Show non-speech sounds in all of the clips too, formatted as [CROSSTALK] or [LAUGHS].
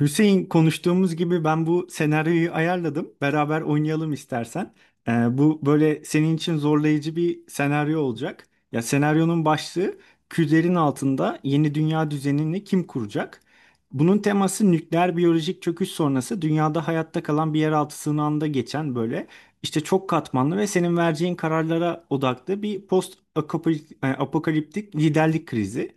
Hüseyin, konuştuğumuz gibi ben bu senaryoyu ayarladım. Beraber oynayalım istersen. Ee, bu böyle senin için zorlayıcı bir senaryo olacak. Ya senaryonun başlığı külerin altında yeni dünya düzenini kim kuracak? Bunun teması nükleer biyolojik çöküş sonrası dünyada hayatta kalan bir yeraltı sığınağında geçen böyle işte çok katmanlı ve senin vereceğin kararlara odaklı bir post apokaliptik liderlik krizi.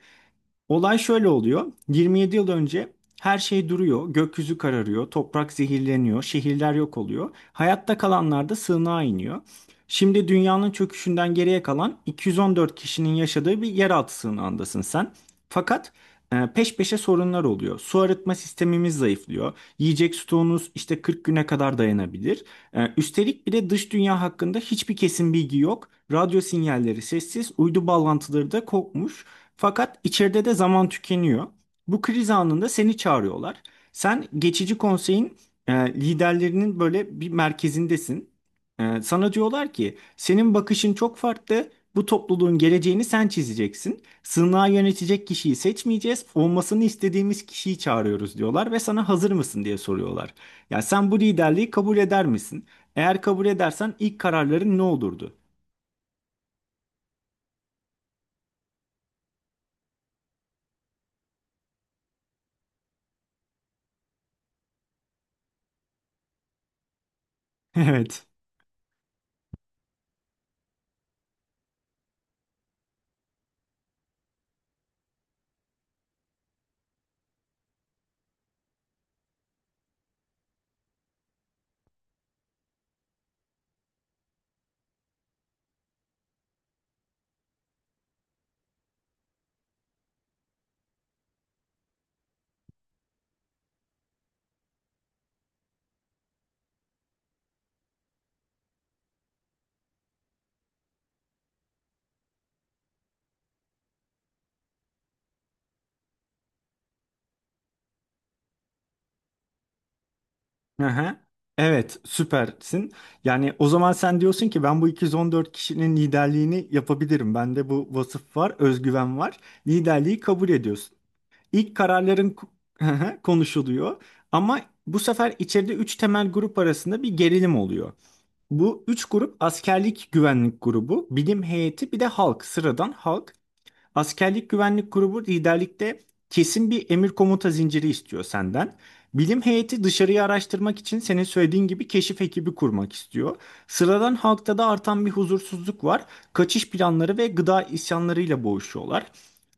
Olay şöyle oluyor. 27 yıl önce her şey duruyor, gökyüzü kararıyor, toprak zehirleniyor, şehirler yok oluyor. Hayatta kalanlar da sığınağa iniyor. Şimdi dünyanın çöküşünden geriye kalan 214 kişinin yaşadığı bir yeraltı sığınağındasın sen. Fakat peş peşe sorunlar oluyor. Su arıtma sistemimiz zayıflıyor. Yiyecek stoğunuz işte 40 güne kadar dayanabilir. Üstelik bir de dış dünya hakkında hiçbir kesin bilgi yok. Radyo sinyalleri sessiz, uydu bağlantıları da kopmuş. Fakat içeride de zaman tükeniyor. Bu kriz anında seni çağırıyorlar. Sen geçici konseyin liderlerinin böyle bir merkezindesin. Sana diyorlar ki senin bakışın çok farklı. Bu topluluğun geleceğini sen çizeceksin. Sığınağı yönetecek kişiyi seçmeyeceğiz. Olmasını istediğimiz kişiyi çağırıyoruz diyorlar ve sana hazır mısın diye soruyorlar. Ya sen bu liderliği kabul eder misin? Eğer kabul edersen ilk kararların ne olurdu? [LAUGHS] Evet. Aha. Evet, süpersin. Yani o zaman sen diyorsun ki ben bu 214 kişinin liderliğini yapabilirim. Bende bu vasıf var, özgüven var. Liderliği kabul ediyorsun. İlk kararların ku- [LAUGHS] konuşuluyor ama bu sefer içeride 3 temel grup arasında bir gerilim oluyor. Bu 3 grup askerlik güvenlik grubu, bilim heyeti bir de halk, sıradan halk. Askerlik güvenlik grubu liderlikte kesin bir emir komuta zinciri istiyor senden. Bilim heyeti dışarıyı araştırmak için senin söylediğin gibi keşif ekibi kurmak istiyor. Sıradan halkta da artan bir huzursuzluk var. Kaçış planları ve gıda isyanlarıyla boğuşuyorlar.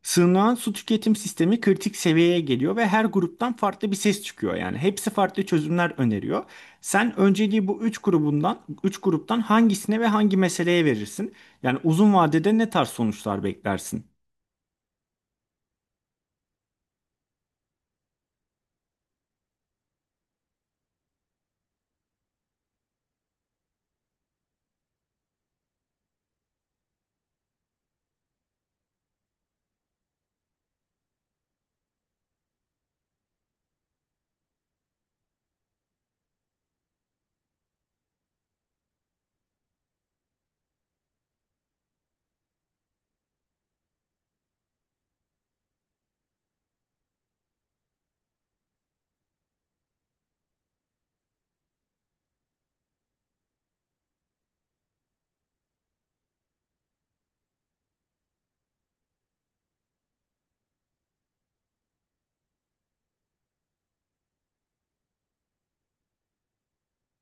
Sığınağın su tüketim sistemi kritik seviyeye geliyor ve her gruptan farklı bir ses çıkıyor. Yani hepsi farklı çözümler öneriyor. Sen önceliği bu üç grubundan, üç gruptan hangisine ve hangi meseleye verirsin? Yani uzun vadede ne tarz sonuçlar beklersin?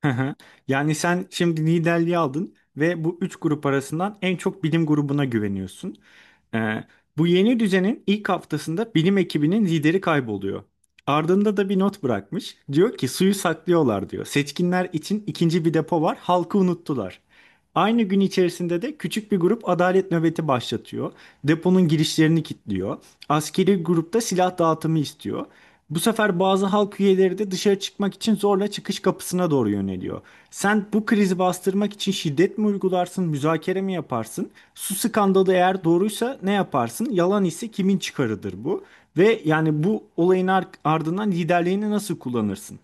Hı hı. Yani sen şimdi liderliği aldın ve bu üç grup arasından en çok bilim grubuna güveniyorsun. Ee, bu yeni düzenin ilk haftasında bilim ekibinin lideri kayboluyor. Ardında da bir not bırakmış. Diyor ki suyu saklıyorlar diyor. Seçkinler için ikinci bir depo var. Halkı unuttular. Aynı gün içerisinde de küçük bir grup adalet nöbeti başlatıyor. Deponun girişlerini kilitliyor. Askeri grupta silah dağıtımı istiyor. Bu sefer bazı halk üyeleri de dışarı çıkmak için zorla çıkış kapısına doğru yöneliyor. Sen bu krizi bastırmak için şiddet mi uygularsın, müzakere mi yaparsın? Su skandalı eğer doğruysa ne yaparsın? Yalan ise kimin çıkarıdır bu? Ve yani bu olayın ardından liderliğini nasıl kullanırsın?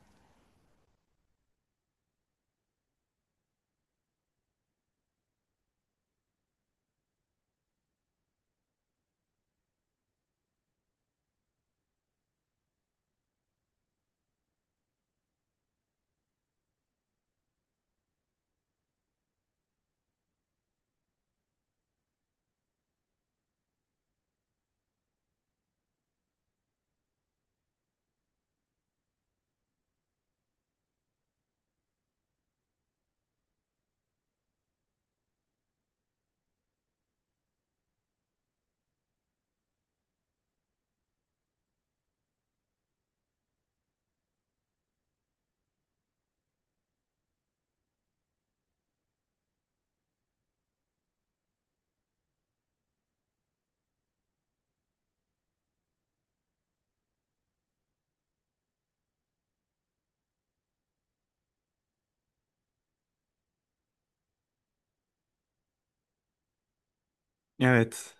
Evet.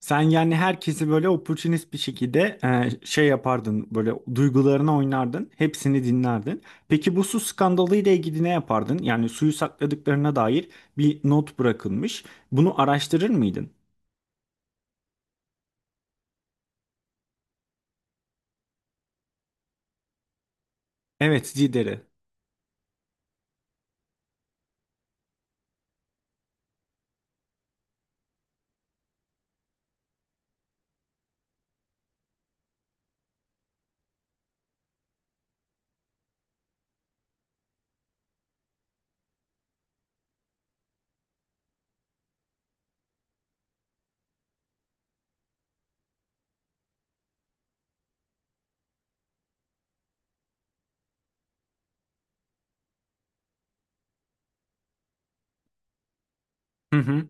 Sen yani herkesi böyle opportunist bir şekilde şey yapardın, böyle duygularına oynardın, hepsini dinlerdin. Peki bu su skandalı ile ilgili ne yapardın? Yani suyu sakladıklarına dair bir not bırakılmış. Bunu araştırır mıydın? Evet, Zider'i. Hı hı.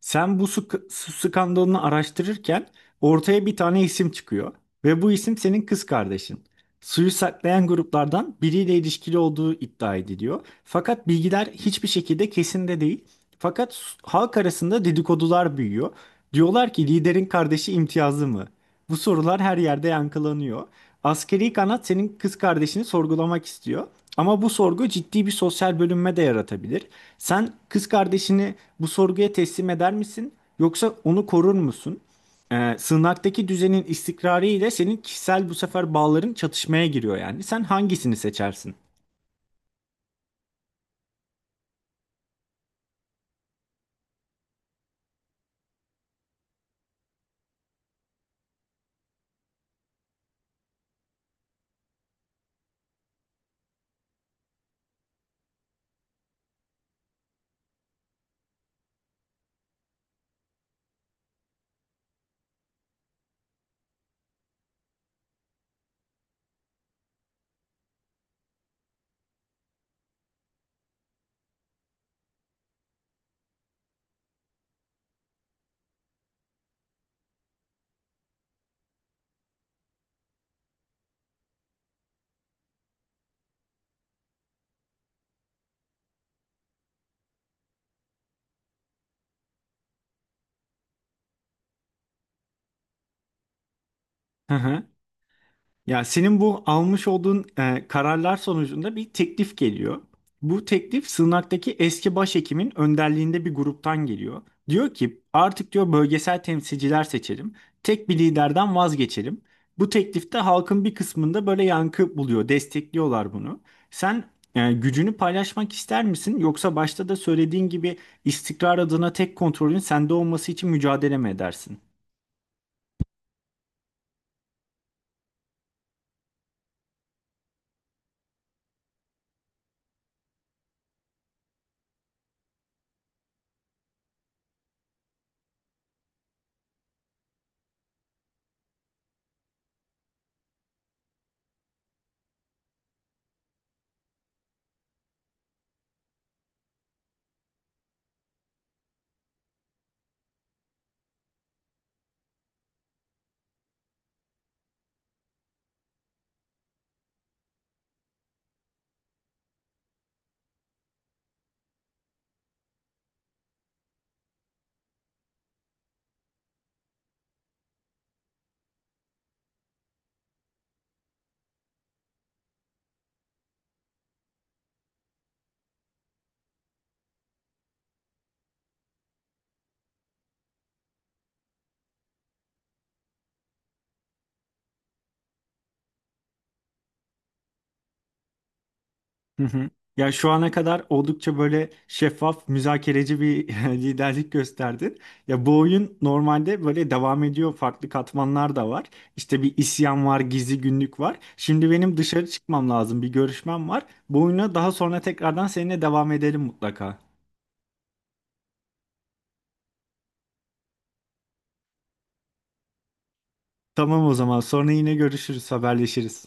Sen bu su skandalını araştırırken ortaya bir tane isim çıkıyor ve bu isim senin kız kardeşin. Suyu saklayan gruplardan biriyle ilişkili olduğu iddia ediliyor. Fakat bilgiler hiçbir şekilde kesin de değil. Fakat halk arasında dedikodular büyüyor. Diyorlar ki liderin kardeşi imtiyazlı mı? Bu sorular her yerde yankılanıyor. Askeri kanat senin kız kardeşini sorgulamak istiyor. Ama bu sorgu ciddi bir sosyal bölünme de yaratabilir. Sen kız kardeşini bu sorguya teslim eder misin? Yoksa onu korur musun? Sığınaktaki düzenin istikrarı ile senin kişisel bu sefer bağların çatışmaya giriyor yani. Sen hangisini seçersin? [LAUGHS] Ya senin bu almış olduğun kararlar sonucunda bir teklif geliyor. Bu teklif Sığınak'taki eski başhekimin önderliğinde bir gruptan geliyor. Diyor ki artık diyor bölgesel temsilciler seçelim. Tek bir liderden vazgeçelim. Bu teklifte halkın bir kısmında böyle yankı buluyor. Destekliyorlar bunu. Sen gücünü paylaşmak ister misin? Yoksa başta da söylediğin gibi istikrar adına tek kontrolün sende olması için mücadele mi edersin? Hı hı. Ya şu ana kadar oldukça böyle şeffaf, müzakereci bir [LAUGHS] liderlik gösterdin. Ya bu oyun normalde böyle devam ediyor. Farklı katmanlar da var. İşte bir isyan var, gizli günlük var. Şimdi benim dışarı çıkmam lazım. Bir görüşmem var. Bu oyuna daha sonra tekrardan seninle devam edelim mutlaka. Tamam, o zaman. Sonra yine görüşürüz, haberleşiriz.